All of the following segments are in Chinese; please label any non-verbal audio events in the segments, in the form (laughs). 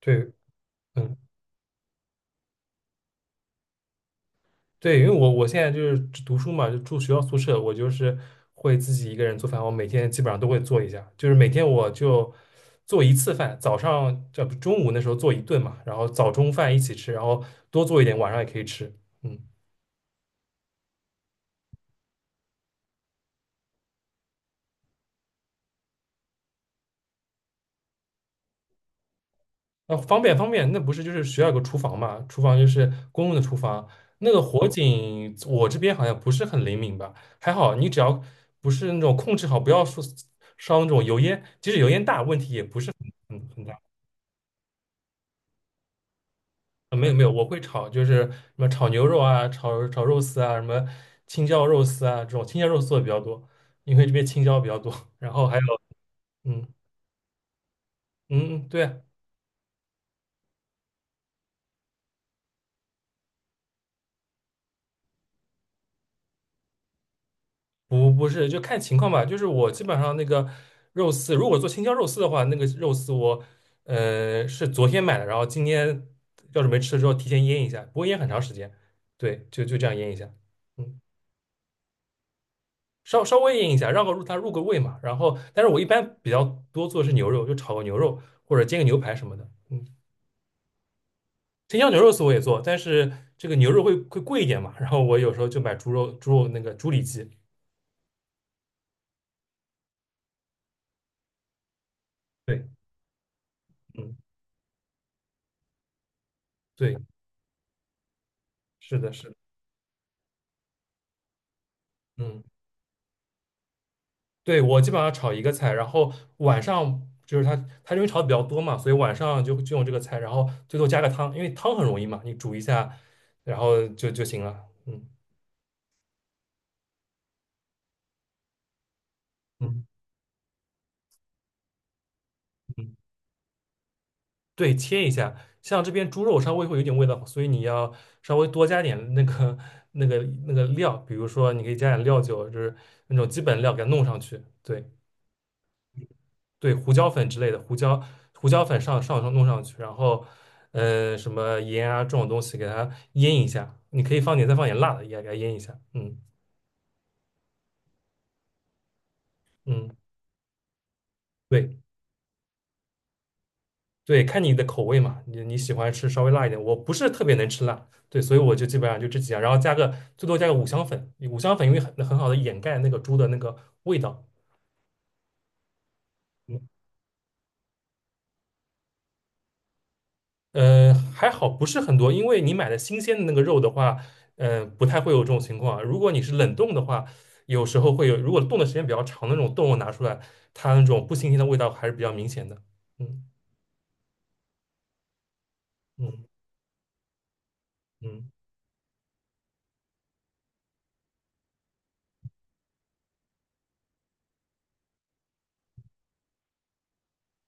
对，嗯，对，因为我现在就是读书嘛，就住学校宿舍，我就是会自己一个人做饭，我每天基本上都会做一下，就是每天我就做一次饭，早上这不中午那时候做一顿嘛，然后早中饭一起吃，然后多做一点，晚上也可以吃，嗯，那方便方便，那不是就是学校有个厨房嘛，厨房就是公用的厨房，那个火警我这边好像不是很灵敏吧，还好你只要不是那种控制好，不要说烧那种油烟，即使油烟大，问题也不是很大。啊，没有没有，我会炒，就是什么炒牛肉啊，炒肉丝啊，什么青椒肉丝啊，这种青椒肉丝做的比较多，因为这边青椒比较多。(laughs) 然后还有，嗯嗯，对啊不是，就看情况吧。就是我基本上那个肉丝，如果做青椒肉丝的话，那个肉丝我是昨天买的，然后今天要是没吃的时候提前腌一下，不会腌很长时间。对，就这样腌一下。嗯。稍微腌一下，让个入它入个味嘛。然后，但是我一般比较多做的是牛肉，就炒个牛肉或者煎个牛排什么的。嗯，青椒牛肉丝我也做，但是这个牛肉会贵一点嘛。然后我有时候就买猪肉那个猪里脊。对，嗯，对，是的，是的，嗯，对，我基本上炒一个菜，然后晚上就是它因为炒的比较多嘛，所以晚上就用这个菜，然后最后加个汤，因为汤很容易嘛，你煮一下，然后就行了。嗯嗯嗯。对，切一下。像这边猪肉稍微会有点味道，所以你要稍微多加点那个 (laughs) 那个那个料，比如说你可以加点料酒，就是那种基本料给它弄上去。对对，胡椒粉之类的，胡椒粉上弄上去，然后什么盐啊这种东西给它腌一下。你可以放点再放点辣的，也给它腌一下。嗯嗯，对。对，看你的口味嘛，你喜欢吃稍微辣一点，我不是特别能吃辣，对，所以我就基本上就这几样，然后加个最多加个五香粉，五香粉因为很好的掩盖那个猪的那个味道，嗯，还好不是很多，因为你买的新鲜的那个肉的话，不太会有这种情况啊，如果你是冷冻的话，有时候会有，如果冻的时间比较长，那种冻肉拿出来，它那种不新鲜的味道还是比较明显的，嗯嗯嗯。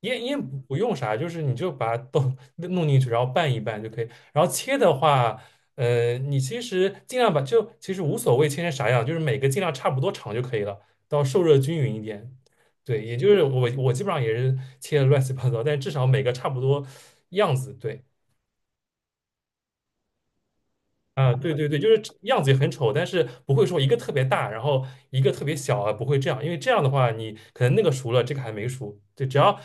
腌不用啥，就是你就把它都 (laughs) 弄进去，然后拌一拌就可以。然后切的话，你其实尽量就其实无所谓切成啥样，就是每个尽量差不多长就可以了，到受热均匀一点。对，也就是我基本上也是切的乱七八糟，但至少每个差不多样子。对，啊，对对对，就是样子也很丑，但是不会说一个特别大，然后一个特别小啊，不会这样，因为这样的话你可能那个熟了，这个还没熟，对，只要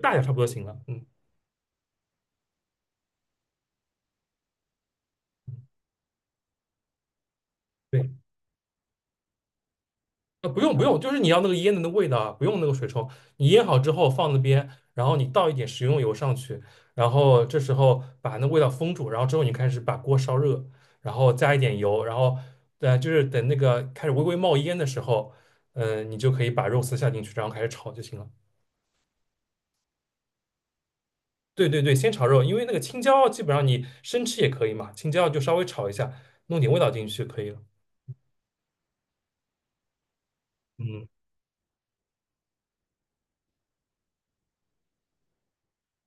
大小差不多行了。嗯，对。啊不用不用，就是你要那个腌的那味道啊，不用那个水冲。你腌好之后放那边，然后你倒一点食用油上去，然后这时候把那味道封住，然后之后你开始把锅烧热，然后加一点油，然后就是等那个开始微微冒烟的时候，嗯，你就可以把肉丝下进去，然后开始炒就行了。对对对，先炒肉，因为那个青椒基本上你生吃也可以嘛，青椒就稍微炒一下，弄点味道进去就可以了。嗯。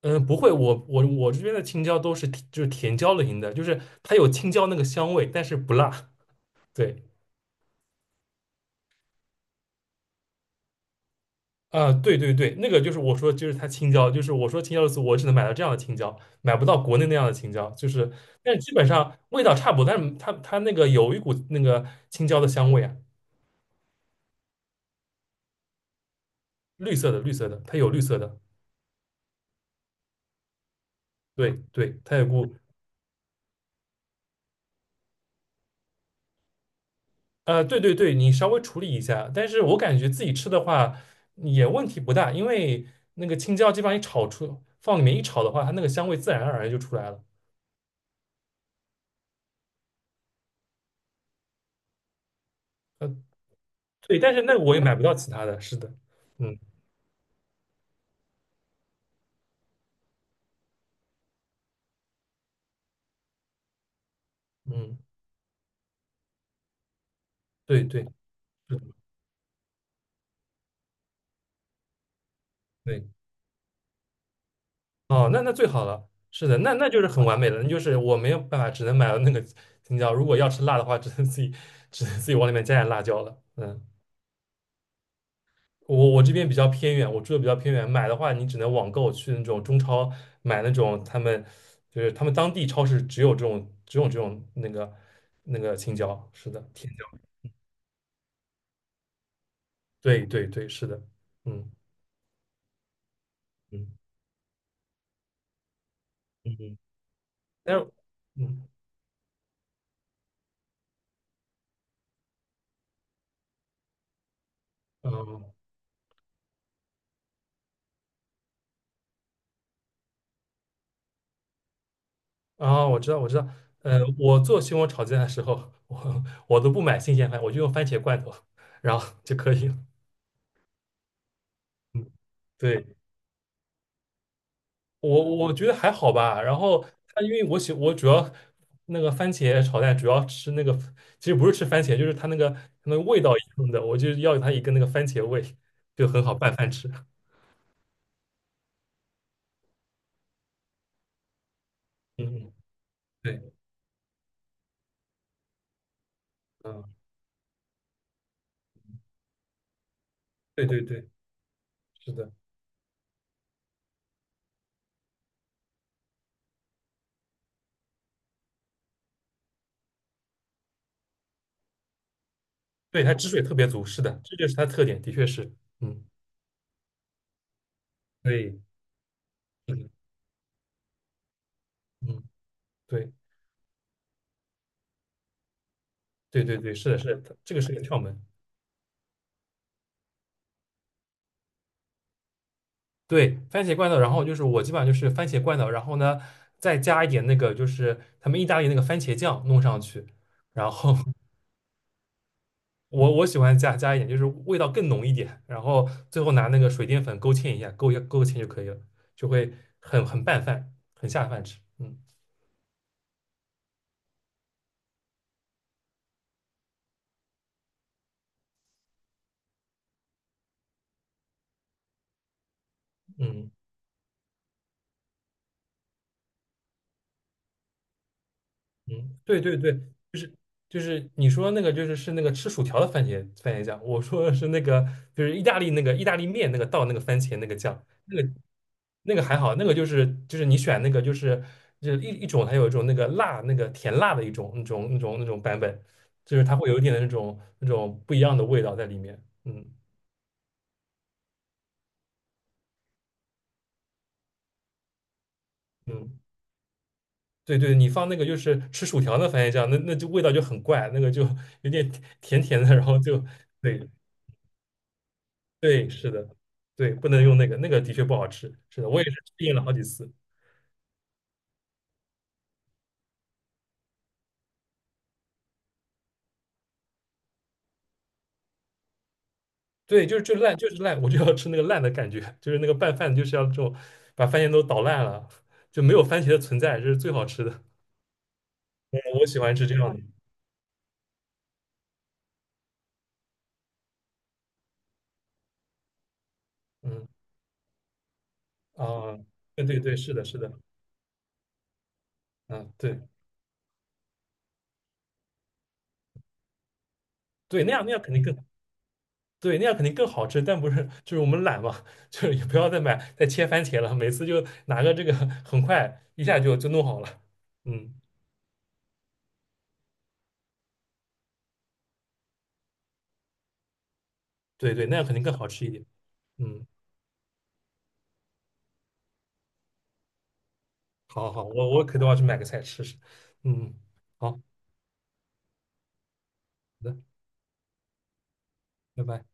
嗯，不会，我这边的青椒都是甜就是甜椒类型的，就是它有青椒那个香味，但是不辣。对，啊、对对对，那个就是我说就是它青椒，就是我说青椒的时候，我只能买到这样的青椒，买不到国内那样的青椒，就是，但是基本上味道差不多，但是它那个有一股那个青椒的香味啊，绿色的绿色的，它有绿色的，对对，它有股对对对，你稍微处理一下，但是我感觉自己吃的话也问题不大，因为那个青椒基本上一炒出，放里面一炒的话，它那个香味自然而然就出来了。呃，对，但是那我也买不到其他的，是的，嗯嗯，对对是的对，哦，那最好了，是的，那就是很完美了，那就是我没有办法，只能买到那个青椒，如果要吃辣的话，只能自己往里面加点辣椒了，嗯。我这边比较偏远，我住的比较偏远，买的话你只能网购去那种中超买那种他们当地超市只有这种那个青椒，是的，甜椒，对对对，是的，嗯嗯嗯，嗯但是嗯嗯啊，我知道我知道，我做西红柿炒鸡蛋的时候，我都不买新鲜番，我就用番茄罐头，然后就可以了，嗯，对。我觉得还好吧。然后它因为我主要那个番茄炒蛋主要吃那个，其实不是吃番茄，就是它那个味道一样的，我就要它一个那个番茄味，就很好拌饭吃。嗯，嗯，对，嗯，对对对，是的，对，它汁水特别足，是的，这就是它特点，的确是，嗯，对，是的，嗯，对，对对对，是的，是的，这个是个窍门。对，番茄罐头，然后就是我基本上就是番茄罐头，然后呢再加一点那个就是他们意大利那个番茄酱弄上去，然后 (laughs) 我喜欢加一点，就是味道更浓一点，然后最后拿那个水淀粉勾芡一下，勾一下勾芡就可以了，就会很拌饭，很下饭吃。嗯嗯嗯，对对对，就是就是你说那个就是是那个吃薯条的番茄酱，我说的是那个就是意大利那个意大利面那个倒那个番茄那个酱。那个还好，那个就是你选那个就是一种，它有一种那个辣那个甜辣的一种那种版本，就是它会有一点的那种不一样的味道在里面。嗯嗯，对对，你放那个就是吃薯条的番茄酱，那就味道就很怪，那个就 (laughs) 有点甜甜的，然后就对对是的，对不能用那个，那个的确不好吃。是的，我也是适应了好几次。对，就是就烂，就是烂，我就要吃那个烂的感觉，就是那个拌饭就是要这种，把番茄都捣烂了，就没有番茄的存在，这是最好吃的。嗯我喜欢吃这样的。嗯啊，对对对，是的，是的，嗯，对对，那样肯定更对，那样肯定更好吃，但不是就是我们懒嘛，(laughs) 就是也不要再买再切番茄了，每次就拿个这个，很快一下就弄好了。嗯，对对，那样肯定更好吃一点。嗯，好好好，我可都要去买个菜吃吃。嗯，好好的，拜拜。